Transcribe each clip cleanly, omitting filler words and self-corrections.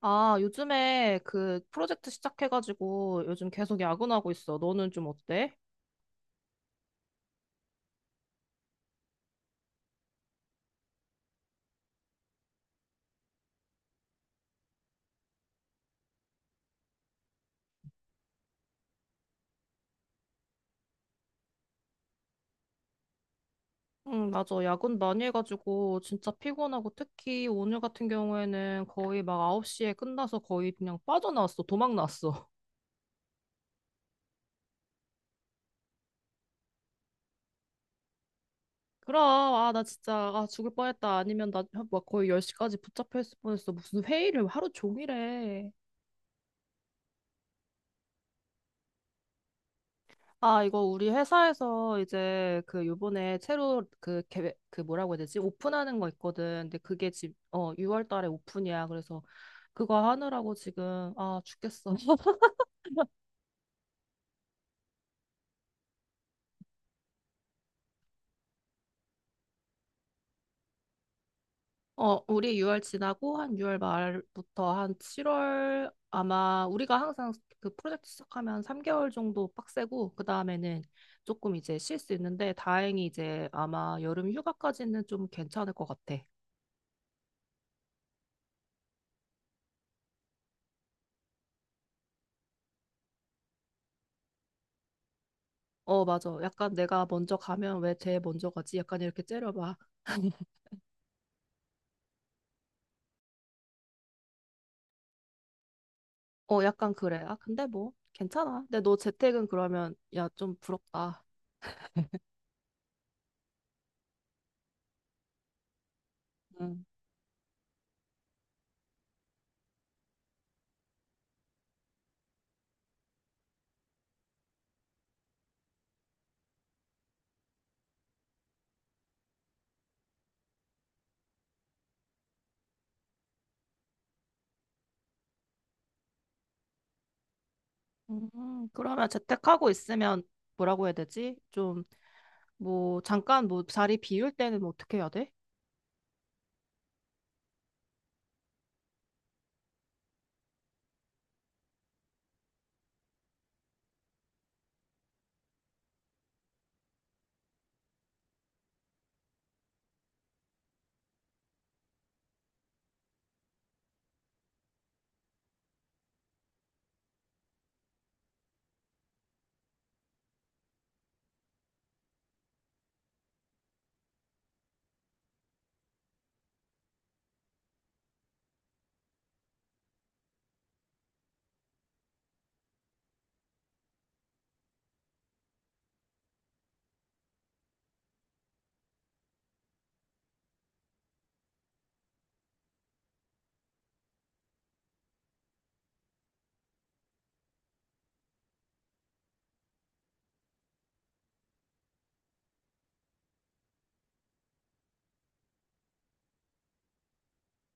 아, 요즘에 그 프로젝트 시작해가지고 요즘 계속 야근하고 있어. 너는 좀 어때? 응, 맞아. 야근 많이 해가지고 진짜 피곤하고 특히 오늘 같은 경우에는 거의 막 9시에 끝나서 거의 그냥 빠져나왔어. 도망 나왔어. 그럼, 아, 나 진짜, 아, 죽을 뻔했다. 아니면 나 막 거의 10시까지 붙잡혀 있을 뻔했어. 무슨 회의를 하루 종일 해. 아, 이거 우리 회사에서 이제 그 요번에 새로 그 계획, 그 뭐라고 해야 되지? 오픈하는 거 있거든. 근데 그게 지금, 어, 6월 달에 오픈이야. 그래서 그거 하느라고 지금, 아, 죽겠어. 어, 우리 6월 지나고 한 6월 말부터 한 7월 아마 우리가 항상 그 프로젝트 시작하면 3개월 정도 빡세고, 그 다음에는 조금 이제 쉴 수 있는데, 다행히 이제 아마 여름 휴가까지는 좀 괜찮을 것 같아. 어, 맞아. 약간 내가 먼저 가면 왜 쟤 먼저 가지? 약간 이렇게 째려봐. 어, 약간 그래. 아, 근데 뭐, 괜찮아. 근데 너 재택은 그러면, 야, 좀 부럽다. 응. 그러면 재택하고 있으면 뭐라고 해야 되지? 좀, 뭐, 잠깐 뭐 자리 비울 때는 뭐 어떻게 해야 돼?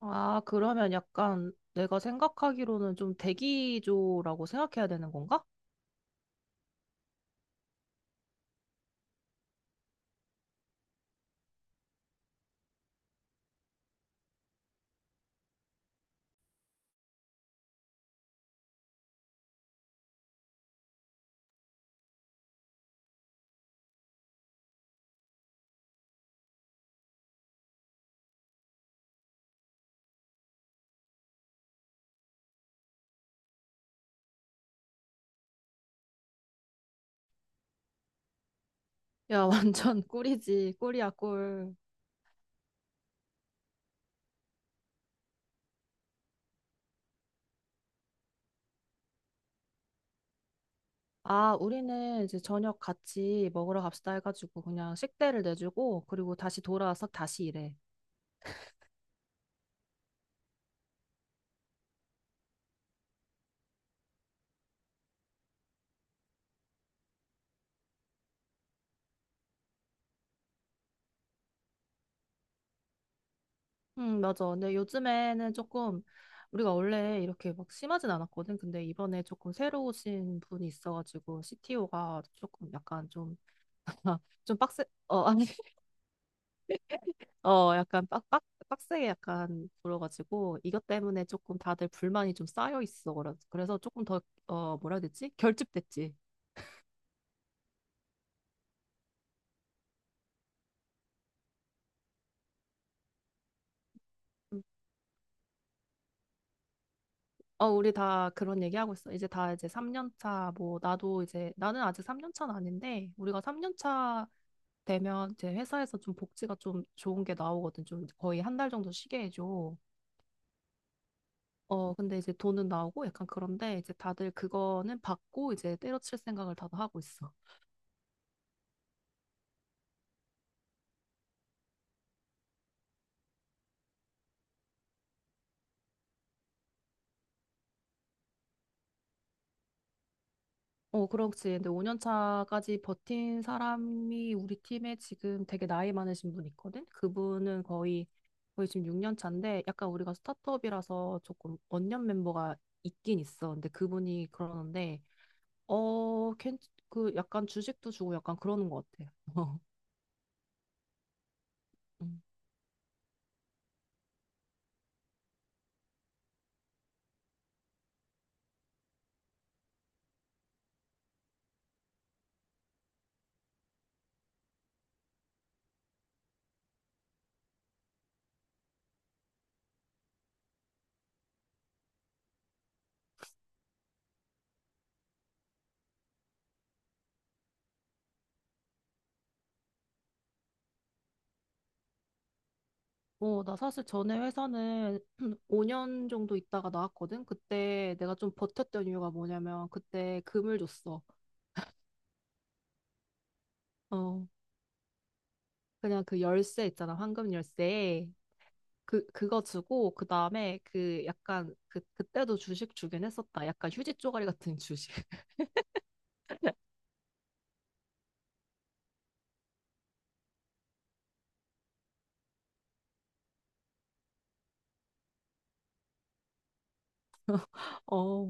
아, 그러면 약간 내가 생각하기로는 좀 대기조라고 생각해야 되는 건가? 야, 완전 꿀이지. 꿀이야, 꿀. 아, 우리는 이제 저녁 같이 먹으러 갑시다 해가지고 그냥 식대를 내주고 그리고 다시 돌아와서 다시 일해. 맞아. 근데 요즘에는 조금 우리가 원래 이렇게 막 심하진 않았거든. 근데 이번에 조금 새로 오신 분이 있어가지고 CTO가 조금 약간 좀, 좀 빡세, 어, 아니, 어, 약간 빡세게 약간 불어가지고 이것 때문에 조금 다들 불만이 좀 쌓여 있어. 그래서 조금 더, 어, 뭐라 해야 되지? 결집됐지. 어, 우리 다 그런 얘기하고 있어. 이제 다 이제 3년 차, 뭐, 나도 이제, 나는 아직 3년 차는 아닌데, 우리가 3년 차 되면 이제 회사에서 좀 복지가 좀 좋은 게 나오거든. 좀 거의 한 달 정도 쉬게 해줘. 어, 근데 이제 돈은 나오고 약간 그런데 이제 다들 그거는 받고 이제 때려칠 생각을 다들 하고 있어. 어, 그렇지. 근데 5년 차까지 버틴 사람이 우리 팀에 지금 되게 나이 많으신 분 있거든? 그분은 거의 지금 6년 차인데 약간 우리가 스타트업이라서 조금 언년 멤버가 있긴 있어. 근데 그분이 그러는데, 어, 괜, 그 약간 주식도 주고 약간 그러는 것 같아. 음. 어, 나 사실 전에 회사는 5년 정도 있다가 나왔거든? 그때 내가 좀 버텼던 이유가 뭐냐면 그때 금을 줬어. 어. 그냥 그 열쇠 있잖아, 황금 열쇠. 그거 주고, 그 다음에 그 약간 그, 그때도 주식 주긴 했었다. 약간 휴지 쪼가리 같은 주식. 어,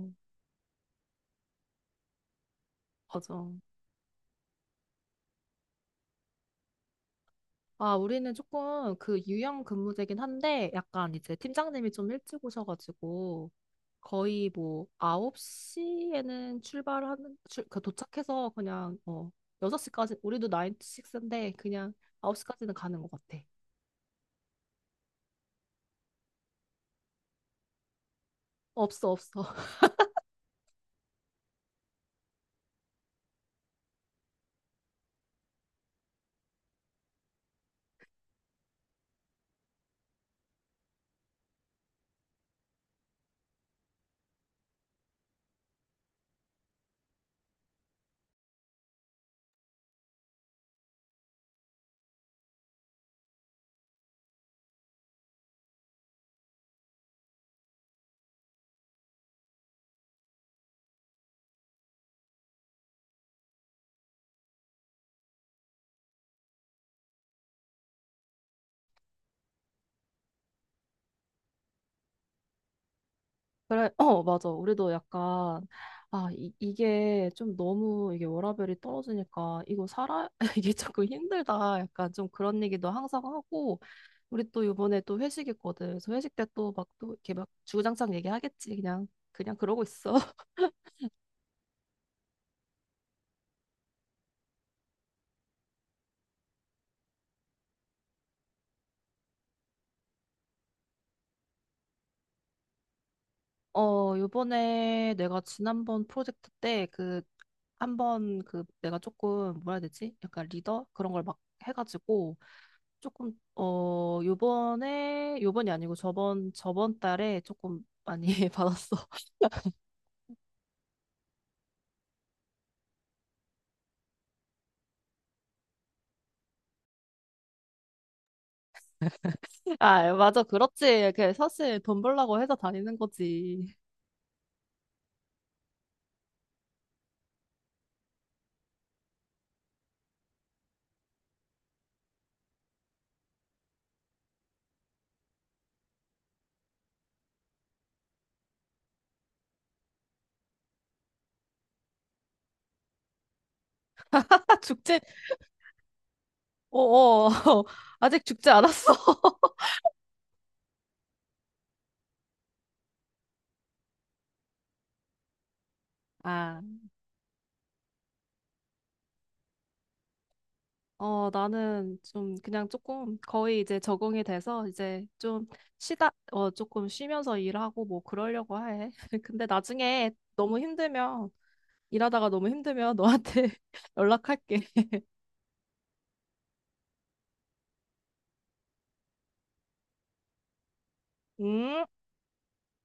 맞아. 아, 우리는 조금 그 유형 근무제긴 한데, 약간 이제 팀장님이 좀 일찍 오셔가지고, 거의 뭐 9시에는 출발하는, 그 도착해서 그냥, 어, 6시까지, 우리도 9 to 6인데, 그냥 9시까지는 가는 것 같아. 없어, 없어. 그래, 어, 맞아. 우리도 약간, 아, 이게 좀 너무 이게 워라밸이 떨어지니까 이거 살아, 이게 조금 힘들다. 약간 좀 그런 얘기도 항상 하고, 우리 또 이번에 또 회식 있거든. 그래서 회식 때 또 막 또 이렇게 막 주구장창 얘기하겠지. 그냥 그러고 있어. 어, 요번에 내가 지난번 프로젝트 때 그, 한번 그 내가 조금 뭐라 해야 되지? 약간 리더? 그런 걸 막 해가지고, 조금 어 요번에 요번이 아니고 저번 달에 조금 많이 받았어. 아, 맞아. 그렇지. 그 사실 돈 벌라고 회사 다니는 거지. 죽지. 어어. 아직 죽지 않았어. 아, 어, 나는 좀 그냥 조금 거의 이제 적응이 돼서 이제 좀 쉬다, 어, 조금 쉬면서 일하고 뭐 그러려고 해. 근데 나중에 너무 힘들면, 일하다가 너무 힘들면 너한테 연락할게. 음.